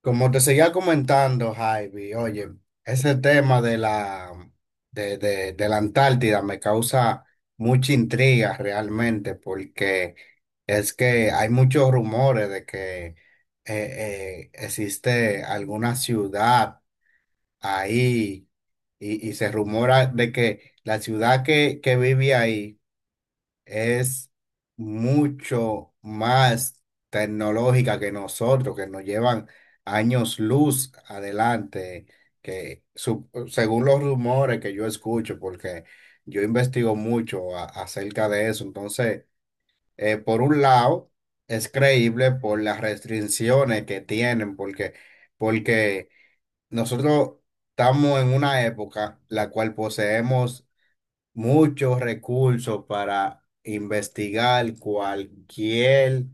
Como te seguía comentando, Javi, oye, ese tema de de la Antártida me causa mucha intriga realmente, porque es que hay muchos rumores de que eh, existe alguna ciudad ahí, y se rumora de que la ciudad que vive ahí es mucho más tecnológica que nosotros, que nos llevan años luz adelante, según los rumores que yo escucho, porque yo investigo mucho acerca de eso. Entonces, por un lado, es creíble por las restricciones que tienen, porque nosotros estamos en una época la cual poseemos muchos recursos para investigar cualquier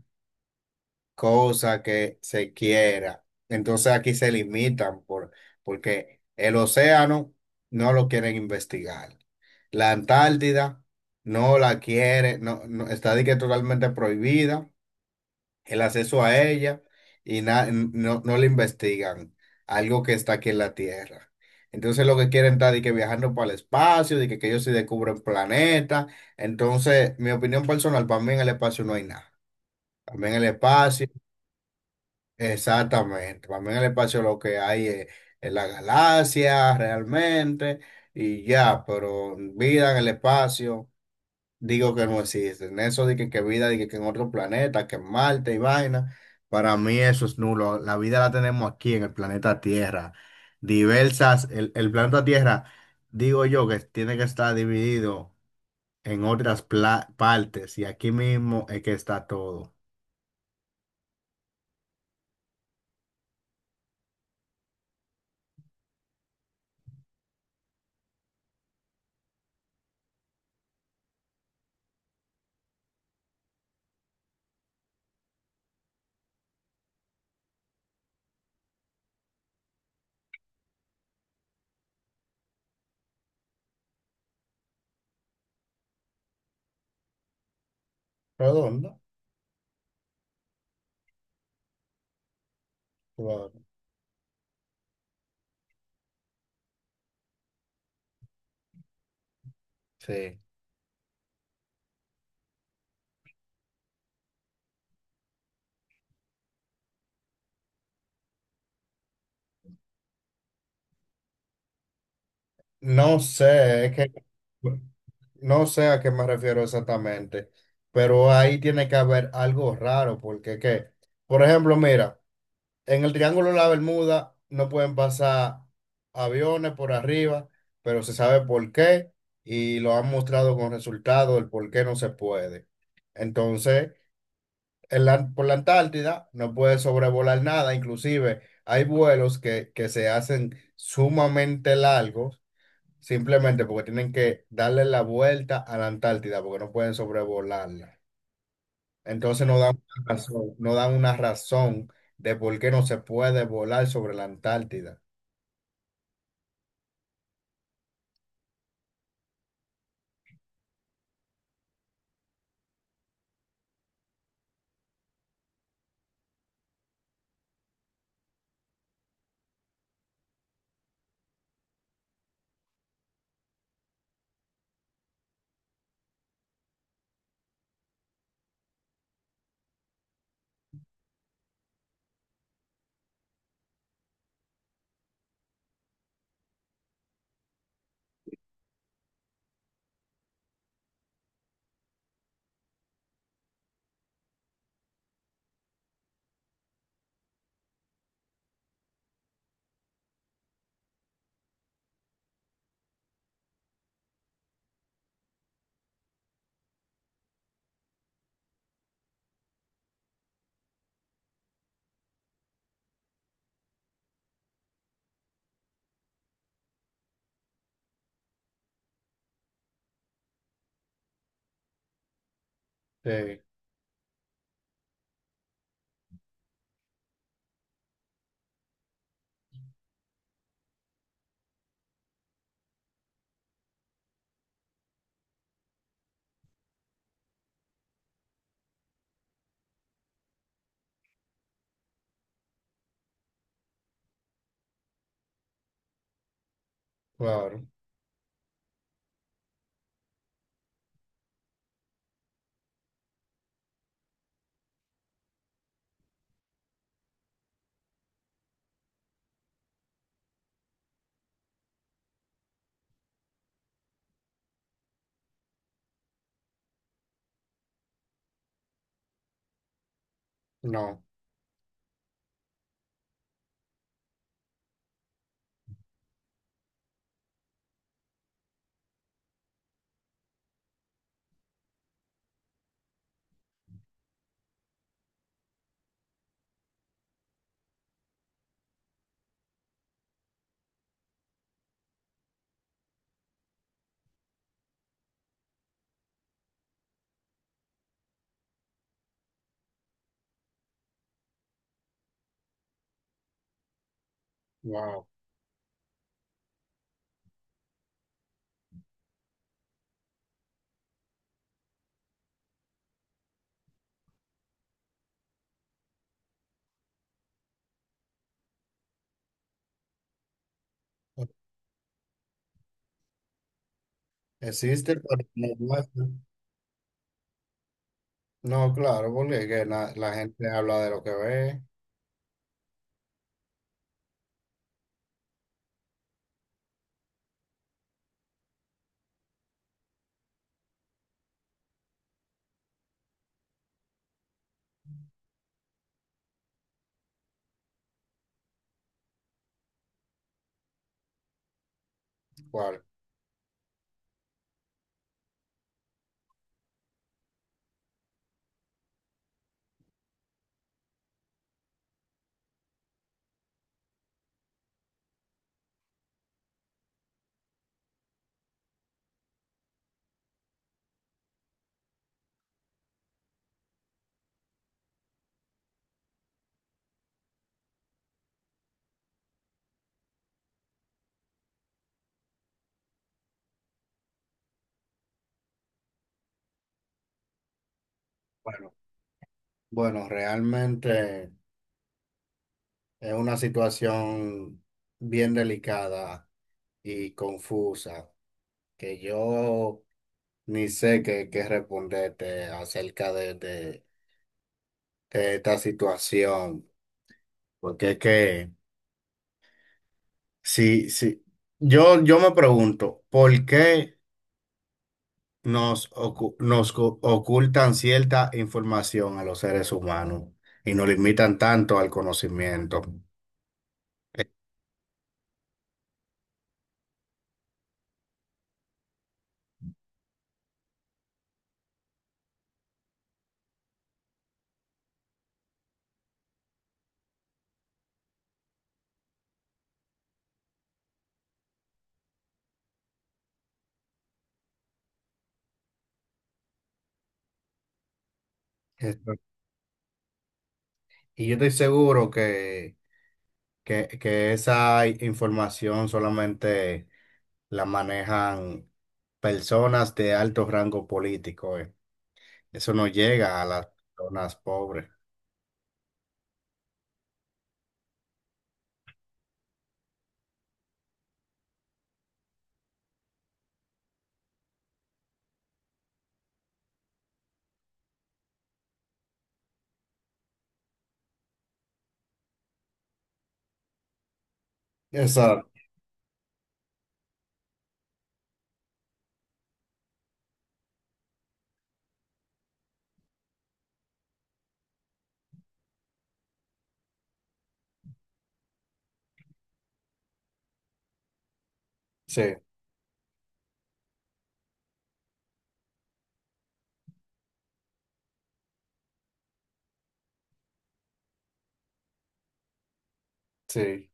cosa que se quiera. Entonces aquí se limitan porque el océano no lo quieren investigar. La Antártida no la quiere, está de que totalmente prohibida el acceso a ella, y no le investigan algo que está aquí en la Tierra. Entonces lo que quieren está de que viajando para el espacio, de que ellos se descubren planetas. Entonces, mi opinión personal, para mí en el espacio no hay nada. También el espacio, exactamente. También el espacio lo que hay es la galaxia realmente y ya, pero vida en el espacio digo que no existen. Eso de que vida, de que en otro planeta, que en Marte y vaina, para mí eso es nulo. La vida la tenemos aquí en el planeta Tierra. Diversas, el planeta Tierra, digo yo que tiene que estar dividido en otras partes y aquí mismo es que está todo. Redondo, claro. Sí. No sé, es que no sé a qué me refiero exactamente, pero ahí tiene que haber algo raro, porque es que, por ejemplo, mira. En el Triángulo de la Bermuda no pueden pasar aviones por arriba, pero se sabe por qué y lo han mostrado con resultados el por qué no se puede. Entonces, por la Antártida no puede sobrevolar nada, inclusive hay vuelos que se hacen sumamente largos simplemente porque tienen que darle la vuelta a la Antártida porque no pueden sobrevolarla. Entonces no dan una razón, no dan una razón de por qué no se puede volar sobre la Antártida. Sí, claro. No, wow. Existe, pero no muestra. No, claro, porque es que la gente habla de lo que ve. Cual, bueno, bueno, realmente es una situación bien delicada y confusa que yo ni sé qué responderte acerca de de esta situación. Porque es que, sí, sí. Yo me pregunto, ¿por qué nos, ocu- nos co- ocultan cierta información a los seres humanos y nos limitan tanto al conocimiento? Eh, esto- Y yo estoy seguro que esa información solamente la manejan personas de alto rango político, Eso no llega a las personas pobres. Exacto, sí, sí.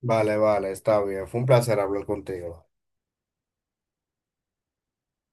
Vale, vale, está bien. Fue un placer hablar contigo.